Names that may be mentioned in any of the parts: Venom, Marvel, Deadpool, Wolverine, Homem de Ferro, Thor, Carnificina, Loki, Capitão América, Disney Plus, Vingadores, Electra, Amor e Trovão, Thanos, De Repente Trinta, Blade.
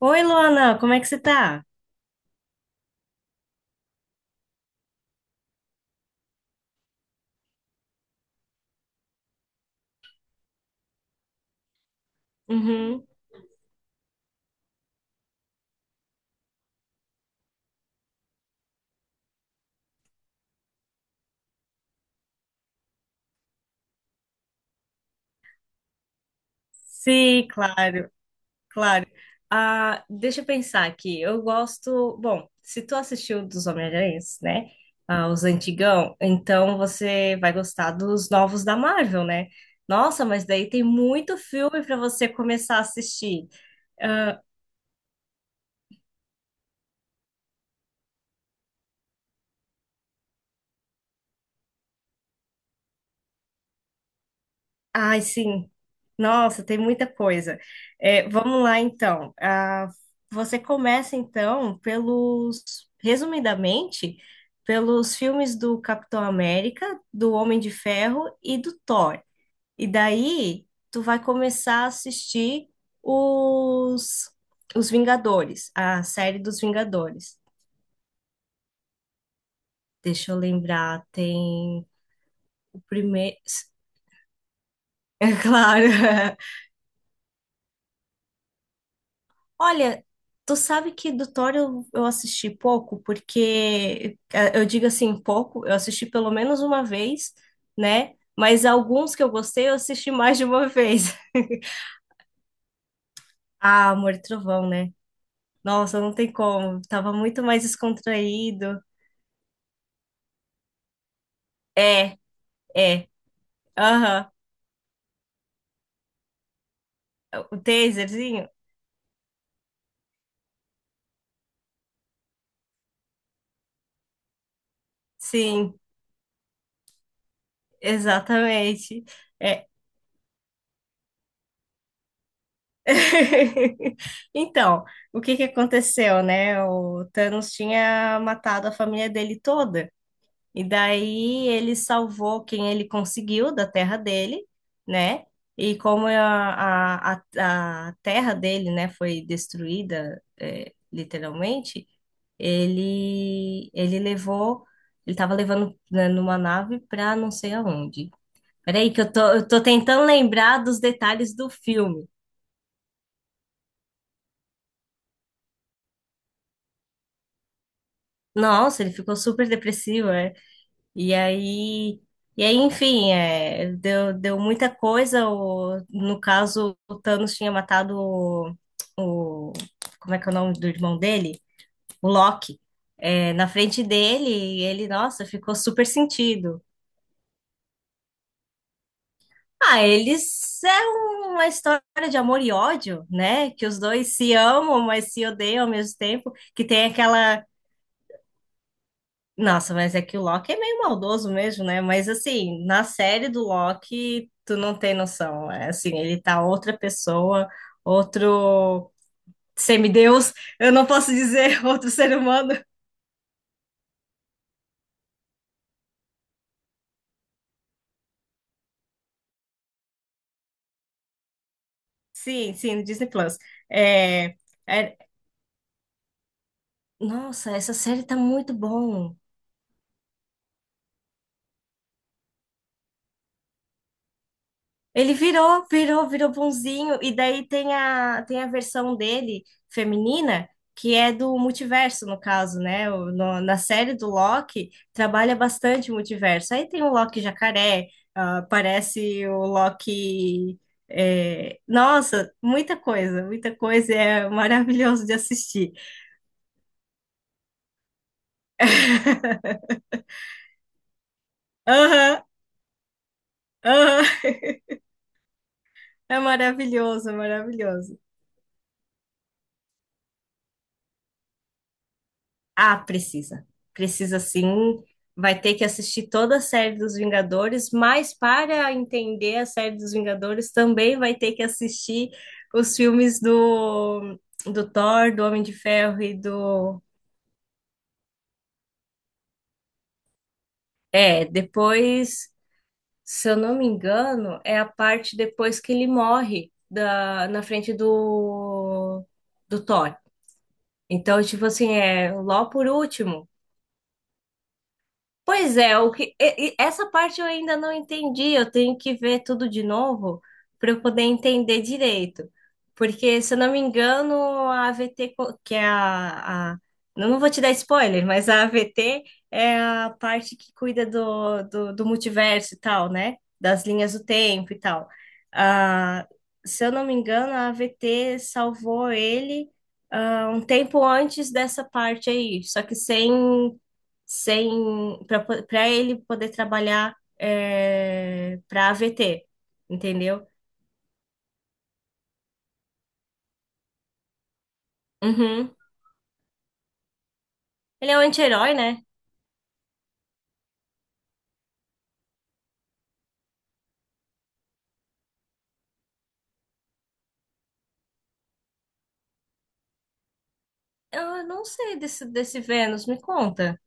Oi, Luana, como é que você tá? Uhum. Sim, claro, claro. Ah, deixa eu pensar aqui. Eu gosto. Bom, se tu assistiu dos Homem-Aranhas, né? Ah, os antigão, então você vai gostar dos novos da Marvel, né? Nossa, mas daí tem muito filme pra você começar a assistir. Ai, sim. Nossa, tem muita coisa. É, vamos lá, então. Ah, você começa, então, pelos, resumidamente, pelos filmes do Capitão América, do Homem de Ferro e do Thor. E daí, tu vai começar a assistir os, os Vingadores, a série dos Vingadores. Deixa eu lembrar, tem o primeiro. É claro. Olha, tu sabe que do Thor eu assisti pouco, porque eu digo assim, pouco, eu assisti pelo menos uma vez, né? Mas alguns que eu gostei, eu assisti mais de uma vez. Ah, Amor e Trovão, né? Nossa, não tem como. Tava muito mais descontraído. É, é. Aham. O taserzinho? Sim, exatamente. É, Então, o que que aconteceu, né? O Thanos tinha matado a família dele toda, e daí ele salvou quem ele conseguiu da terra dele, né? E como a terra dele, né, foi destruída, é, literalmente, ele levou, ele estava levando né, numa nave para não sei aonde. Peraí, que eu tô tentando lembrar dos detalhes do filme. Nossa, ele ficou super depressivo, é. E aí, e aí, enfim, é, deu muita coisa. O, no caso, o Thanos tinha matado o- como é que é o nome do irmão dele? O Loki. É, na frente dele, e ele, nossa, ficou super sentido. Ah, eles é uma história de amor e ódio, né? Que os dois se amam, mas se odeiam ao mesmo tempo. Que tem aquela Nossa, mas é que o Loki é meio maldoso mesmo, né? Mas assim, na série do Loki, tu não tem noção. É assim, ele tá outra pessoa, outro semideus, eu não posso dizer outro ser humano. Sim, sim, no Disney Plus. É, é- nossa, essa série tá muito bom. Ele virou bonzinho. E daí tem a versão dele, feminina, que é do multiverso, no caso, né? O- no- na série do Loki, trabalha bastante o multiverso. Aí tem o Loki jacaré, ah, aparece o Loki. É, nossa, muita coisa, muita coisa. É maravilhoso de assistir. Aham, aham. É maravilhoso, é maravilhoso. Ah, precisa. Precisa sim. Vai ter que assistir toda a série dos Vingadores, mas para entender a série dos Vingadores também vai ter que assistir os filmes do, do Thor, do Homem de Ferro e do. É, depois, se eu não me engano, é a parte depois que ele morre da, na frente do, do Thor. Então, tipo assim, é o Ló por último. Pois é, o que, e essa parte eu ainda não entendi. Eu tenho que ver tudo de novo para eu poder entender direito. Porque, se eu não me engano, a AVT, co- que é a eu Não vou te dar spoiler, mas a AVT é a parte que cuida do, do multiverso e tal, né? Das linhas do tempo e tal. Ah, se eu não me engano, a AVT salvou ele, ah, um tempo antes dessa parte aí. Só que sem para ele poder trabalhar é, para AVT, entendeu? Uhum. Ele é um anti-herói, né? Eu não sei desse, desse Vênus, me conta.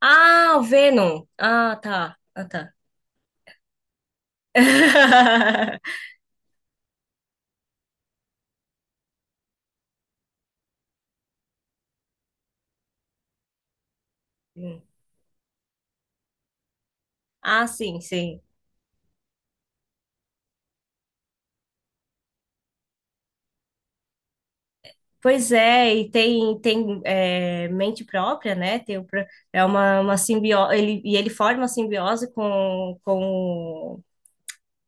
Ah, o Venom. Ah, tá. Ah, tá. Ah, sim, sim. Pois é, e tem, tem é, mente própria, né? Tem, o pro- é uma simbiose, ele, e ele forma uma simbiose com...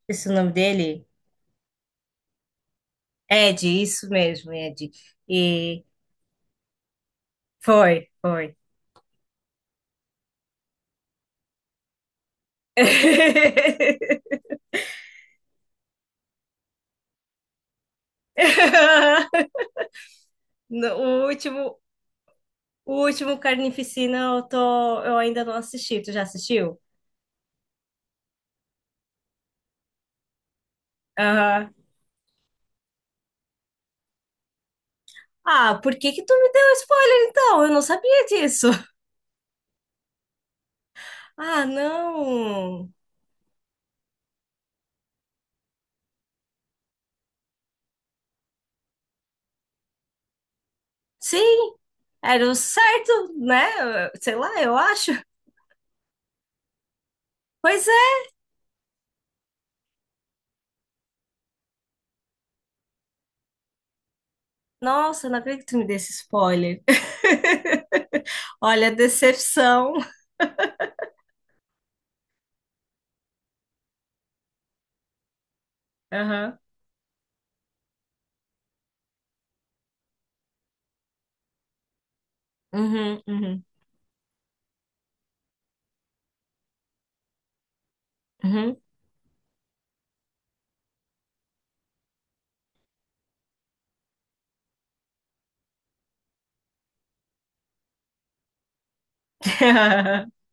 Esse é o nome dele? Ed, isso mesmo, Ed. E foi, foi. No- o último Carnificina eu tô, eu ainda não assisti. Tu já assistiu? Aham. Ah, por que que tu me deu spoiler então? Eu não sabia disso. Ah, não. Sim, era o certo, né? Sei lá, eu acho. Pois é. Nossa, não acredito que tu me desse spoiler. Olha a decepção. Aham. Uhum, uhum. Uhum.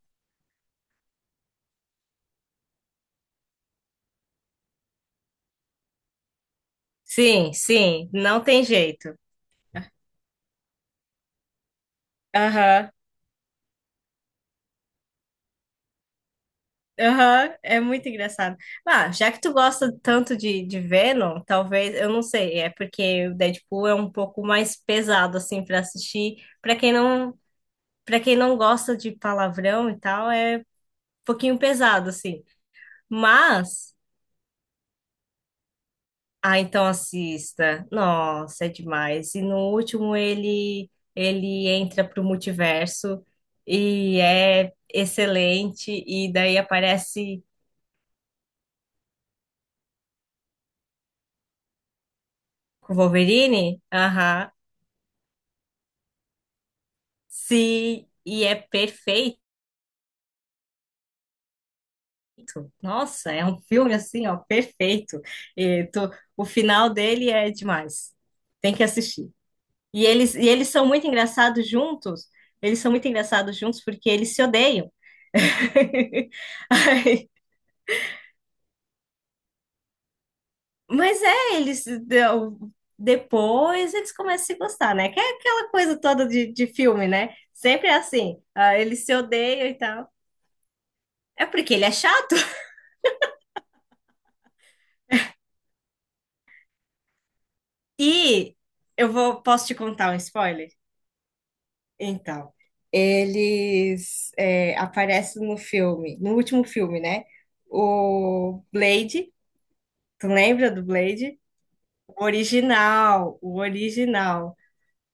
Sim, sim, não tem jeito. Aham, aham, é muito engraçado. Ah, já que tu gosta tanto de Venom, talvez, eu não sei, é porque o Deadpool é um pouco mais pesado, assim, pra assistir. Pra quem não, para quem não gosta de palavrão e tal, é um pouquinho pesado, assim. Mas. Ah, então assista. Nossa, é demais. E no último ele entra pro multiverso e é excelente e daí aparece com o Wolverine. Aham. Sim, e é perfeito. Nossa, é um filme assim, ó, perfeito. E tu- o final dele é demais. Tem que assistir. E eles são muito engraçados juntos. Eles são muito engraçados juntos porque eles se odeiam. Aí Mas é, eles deu- depois eles começam a se gostar, né? Que é aquela coisa toda de filme, né? Sempre é assim, ah, eles se odeiam e tal. É porque ele é chato. E eu vou, posso te contar um spoiler? Então, eles é, aparecem no filme, no último filme, né? O Blade, tu lembra do Blade? O original, o original.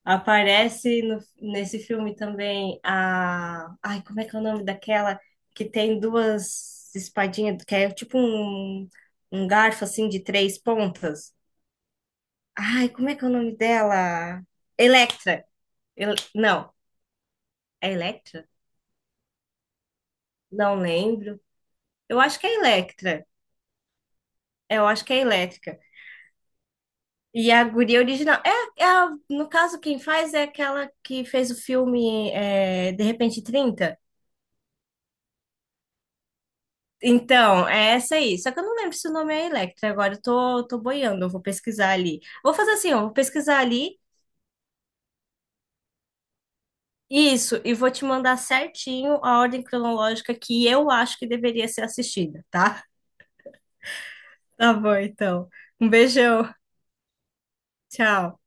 Aparece no- nesse filme também a. Ai, como é que é o nome daquela que tem duas espadinhas, que é tipo um, um garfo assim de três pontas? Ai, como é que é o nome dela? Electra. Ele- Não, é Electra? Não lembro. Eu acho que é Electra. É, eu acho que é Elétrica. E a guria original. É, é a- no caso, quem faz é aquela que fez o filme é, De Repente 30. Então, é essa aí. Só que eu não lembro se o nome é Electra. Agora eu tô, tô boiando, eu vou pesquisar ali. Vou fazer assim, ó, vou pesquisar ali. Isso, e vou te mandar certinho a ordem cronológica que eu acho que deveria ser assistida, tá? Tá bom, então. Um beijão. Tchau.